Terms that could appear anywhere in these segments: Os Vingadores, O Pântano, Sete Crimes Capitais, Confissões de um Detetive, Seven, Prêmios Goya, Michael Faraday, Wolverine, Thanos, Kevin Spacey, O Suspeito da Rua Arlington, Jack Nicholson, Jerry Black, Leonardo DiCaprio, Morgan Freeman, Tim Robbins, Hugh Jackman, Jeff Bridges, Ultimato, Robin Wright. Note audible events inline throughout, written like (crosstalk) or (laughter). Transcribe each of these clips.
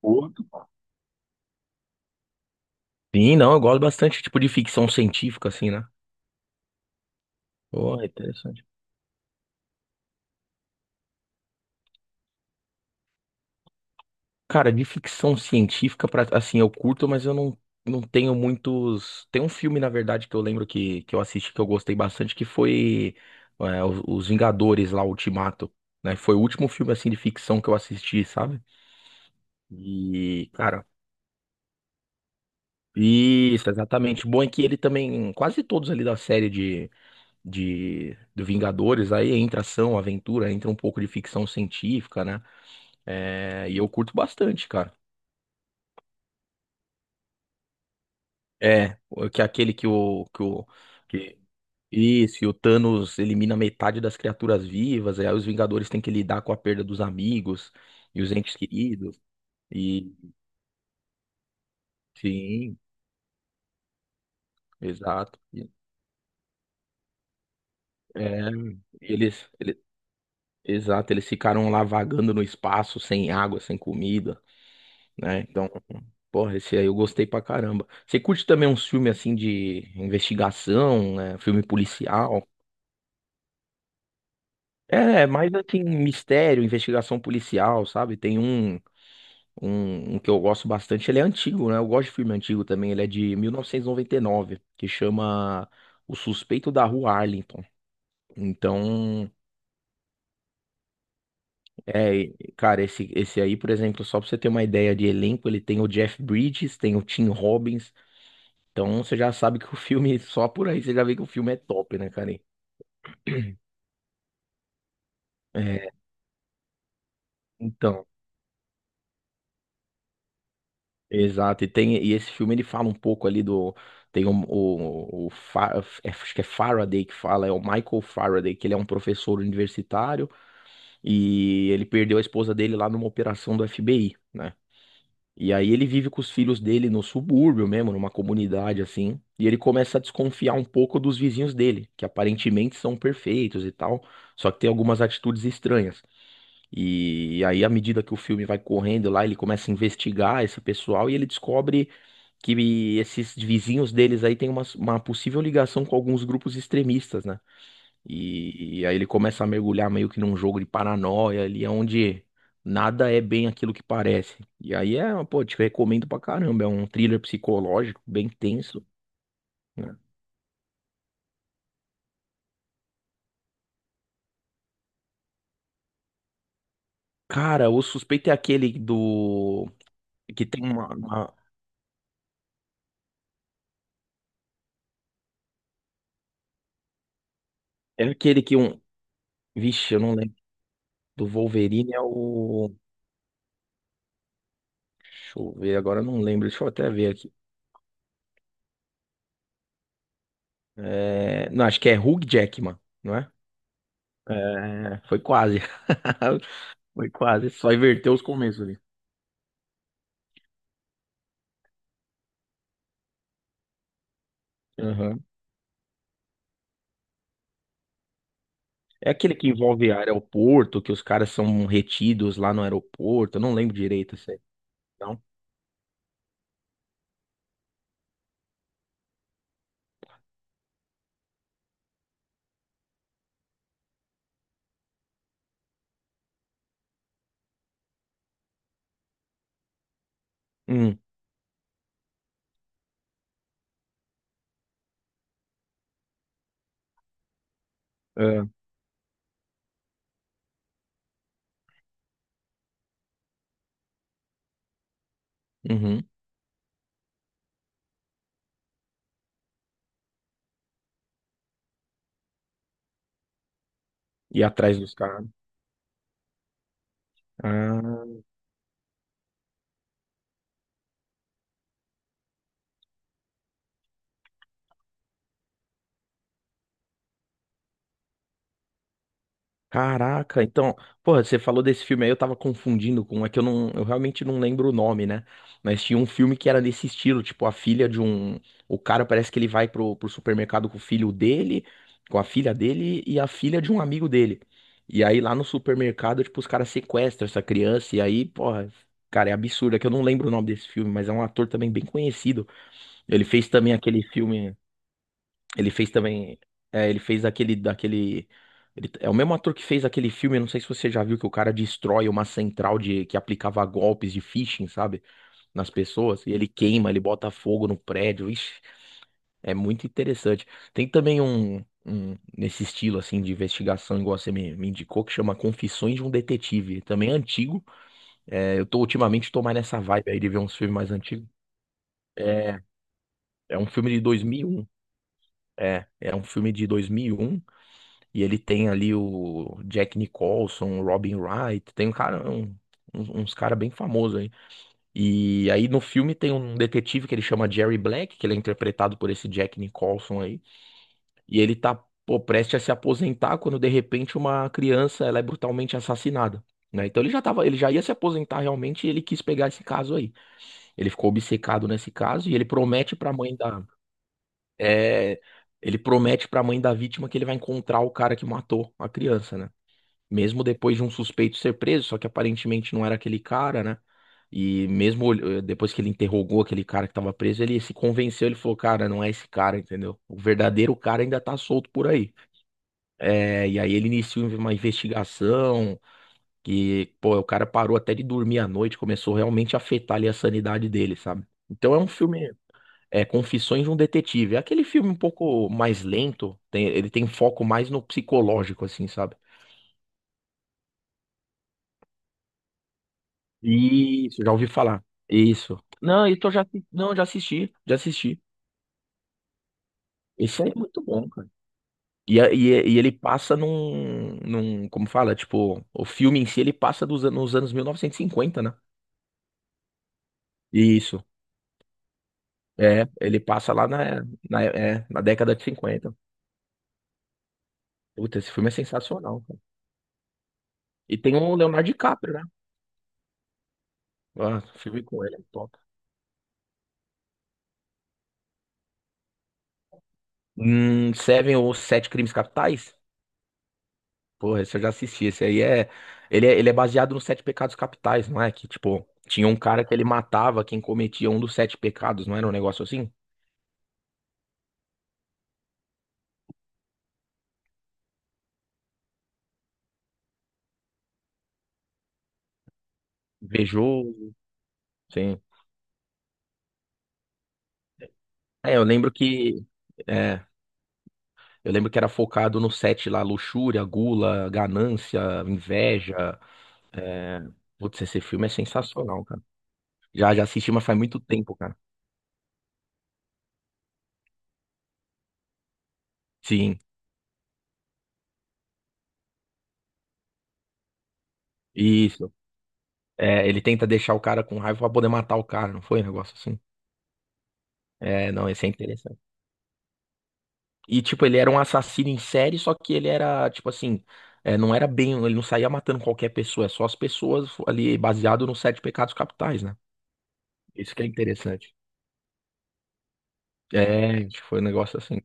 Curto. Sim, não, eu gosto bastante, tipo, de ficção científica, assim, né? Pô, é interessante. Cara, de ficção científica, pra, assim, eu curto, mas eu não tenho muitos. Tem um filme, na verdade, que eu lembro que eu assisti, que eu gostei bastante, que foi Os Vingadores, lá, Ultimato, né? Foi o último filme, assim, de ficção que eu assisti, sabe? E, cara. Isso, exatamente. Bom é que ele também, quase todos ali da série de do Vingadores, aí entra ação, aventura, entra um pouco de ficção científica, né? É, e eu curto bastante, cara. É, o- que é aquele que o, que o, que, isso, e o Thanos elimina metade das criaturas vivas, e aí os Vingadores têm que lidar com a perda dos amigos e os entes queridos, e sim, exato. É, eles, ele- exato, eles ficaram lá vagando no espaço, sem água, sem comida, né? Então, porra, esse aí eu gostei pra caramba. Você curte também uns filmes assim de investigação, né? Filme policial? É, mais assim, mistério, investigação policial, sabe? Tem um que eu gosto bastante, ele é antigo, né? Eu gosto de filme antigo também, ele é de mil novecentos e noventa e nove, que chama O Suspeito da Rua Arlington. Então, é, cara, esse aí, por exemplo, só pra você ter uma ideia de elenco, ele tem o Jeff Bridges, tem o Tim Robbins, então você já sabe que o filme, (laughs) só por aí você já vê que o filme é top, né, cara? (clears throat) É, então. Exato, e tem e esse filme ele fala um pouco ali do tem um- acho que é Faraday que fala, é o Michael Faraday, que ele é um professor universitário e ele perdeu a esposa dele lá numa operação do FBI, né? E aí ele vive com os filhos dele no subúrbio mesmo, numa comunidade assim, e ele começa a desconfiar um pouco dos vizinhos dele, que aparentemente são perfeitos e tal, só que tem algumas atitudes estranhas. E, aí, à medida que o filme vai correndo lá, ele começa a investigar esse pessoal e ele descobre que esses vizinhos deles aí têm uma possível ligação com alguns grupos extremistas, né? E, aí ele começa a mergulhar meio que num jogo de paranoia ali, onde nada é bem aquilo que parece. E aí é, pô, te recomendo pra caramba, é um thriller psicológico bem tenso, né? Cara, o suspeito é aquele do que tem uma, é aquele que um, vixe, eu não lembro, do Wolverine é o Deixa eu ver, agora eu não lembro. Deixa eu até ver aqui. É, não, acho que é Hugh Jackman, não é? É, foi quase. (laughs) Foi quase. Só inverteu os começos ali. Aham. É aquele que envolve aeroporto, que os caras são retidos lá no aeroporto. Eu não lembro direito isso aí. Não? Hum. É, uhum. E atrás dos caras. Ah. Caraca, então, porra, você falou desse filme aí, eu tava confundindo com, é que eu não, eu realmente não lembro o nome, né? Mas tinha um filme que era nesse estilo, tipo, a filha de um, o cara parece que ele vai pro, pro supermercado com o filho dele, com a filha dele e a filha de um amigo dele. E aí lá no supermercado, tipo, os caras sequestram essa criança e aí, porra, cara, é absurdo, é que eu não lembro o nome desse filme, mas é um ator também bem conhecido. Ele fez também aquele filme ele fez também. É, ele fez aquele, daquele. Ele- é o mesmo ator que fez aquele filme, eu não sei se você já viu, que o cara destrói uma central de que aplicava golpes de phishing, sabe? Nas pessoas. E ele queima, ele bota fogo no prédio. Ixi, é muito interessante. Tem também um nesse estilo, assim, de investigação, igual você me, me indicou, que chama Confissões de um Detetive. Também é antigo. É, eu tô ultimamente tô mais nessa vibe aí de ver uns filmes mais antigos. É, é um filme de 2001. É, é um filme de 2001. E ele tem ali o Jack Nicholson, o Robin Wright, tem um cara, um- um- uns cara bem famosos aí. E aí no filme tem um detetive que ele chama Jerry Black, que ele é interpretado por esse Jack Nicholson aí. E ele tá, pô, prestes a se aposentar quando de repente uma criança ela é brutalmente assassinada. Né? Então ele já tava, ele já ia se aposentar realmente e ele quis pegar esse caso aí. Ele ficou obcecado nesse caso e ele promete pra mãe da, é, ele promete pra mãe da vítima que ele vai encontrar o cara que matou a criança, né? Mesmo depois de um suspeito ser preso, só que aparentemente não era aquele cara, né? E mesmo depois que ele interrogou aquele cara que tava preso, ele se convenceu, ele falou, cara, não é esse cara, entendeu? O verdadeiro cara ainda tá solto por aí. É, e aí ele iniciou uma investigação que, pô, o cara parou até de dormir à noite, começou realmente a afetar ali a sanidade dele, sabe? Então é um filme, é Confissões de um Detetive. É aquele filme um pouco mais lento, tem- ele tem foco mais no psicológico, assim, sabe? Isso, já ouvi falar. Isso. Não, isso eu já, não, já assisti, já assisti. Esse aí é muito bom, cara. E, a- e, e ele passa como fala, tipo, o filme em si ele passa dos, nos anos 1950, né? Isso, é, ele passa lá na década de 50. Puta, esse filme é sensacional, cara. E tem o Leonardo DiCaprio, né? Ah, o filme com ele é top. Seven ou Sete Crimes Capitais? Porra, esse eu já assisti. Esse aí é. Ele é, ele é baseado nos Sete Pecados Capitais, não é? Que, tipo, tinha um cara que ele matava quem cometia um dos sete pecados, não era um negócio assim? Invejoso. Sim. É, eu lembro que. É, eu lembro que era focado no sete lá: luxúria, gula, ganância, inveja. É. Putz, esse filme é sensacional, cara. Já, já assisti, mas faz muito tempo, cara. Sim, isso. É, ele tenta deixar o cara com raiva pra poder matar o cara, não foi um negócio assim? É, não, esse é interessante. E, tipo, ele era um assassino em série, só que ele era, tipo assim, é, não era bem, ele não saía matando qualquer pessoa, é só as pessoas ali, baseado nos sete pecados capitais, né? Isso que é interessante. É, tipo, foi um negócio assim.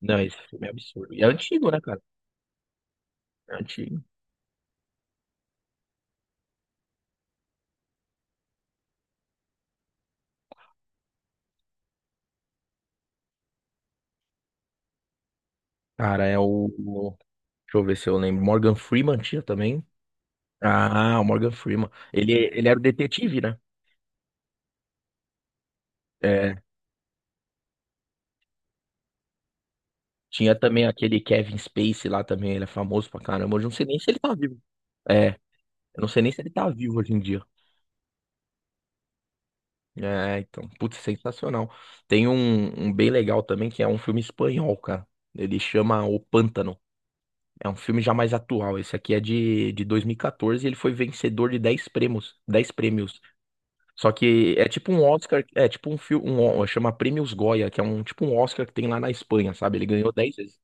Não, esse filme é absurdo. E é antigo, né, cara? É antigo. Cara, é o. O- deixa eu ver se eu lembro. Morgan Freeman tinha também. Ah, o Morgan Freeman. Ele era o detetive, né? É. Tinha também aquele Kevin Spacey lá também, ele é famoso pra caramba. Hoje eu não sei nem se ele tá vivo. É, eu não sei nem se ele tá vivo hoje em dia. É, então, putz, sensacional. Tem um, um bem legal também, que é um filme espanhol, cara. Ele chama O Pântano. É um filme já mais atual. Esse aqui é de 2014 e quatorze e ele foi vencedor de 10 prêmios. 10 prêmios. Só que é tipo um Oscar, é tipo um filme, um, Ó- chama Prêmios Goya, que é um tipo um Oscar que tem lá na Espanha, sabe? Ele ganhou 10 vezes.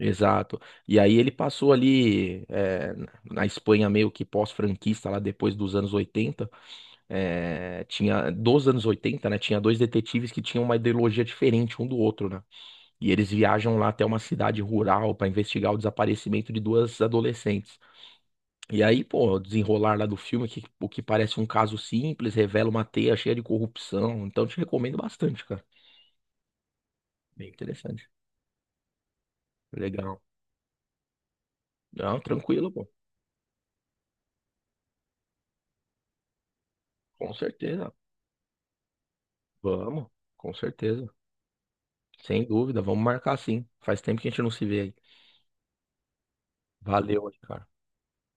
Exato. E aí ele passou ali é, na Espanha meio que pós-franquista lá depois dos anos 80. É, tinha dos anos 80, né? Tinha dois detetives que tinham uma ideologia diferente um do outro, né? E eles viajam lá até uma cidade rural para investigar o desaparecimento de duas adolescentes. E aí, pô, o desenrolar lá do filme, que, o que parece um caso simples, revela uma teia cheia de corrupção. Então, te recomendo bastante, cara. Bem interessante. Legal. Não, tranquilo, pô. Com certeza. Vamos, com certeza. Sem dúvida, vamos marcar sim. Faz tempo que a gente não se vê aí. Valeu aí, cara.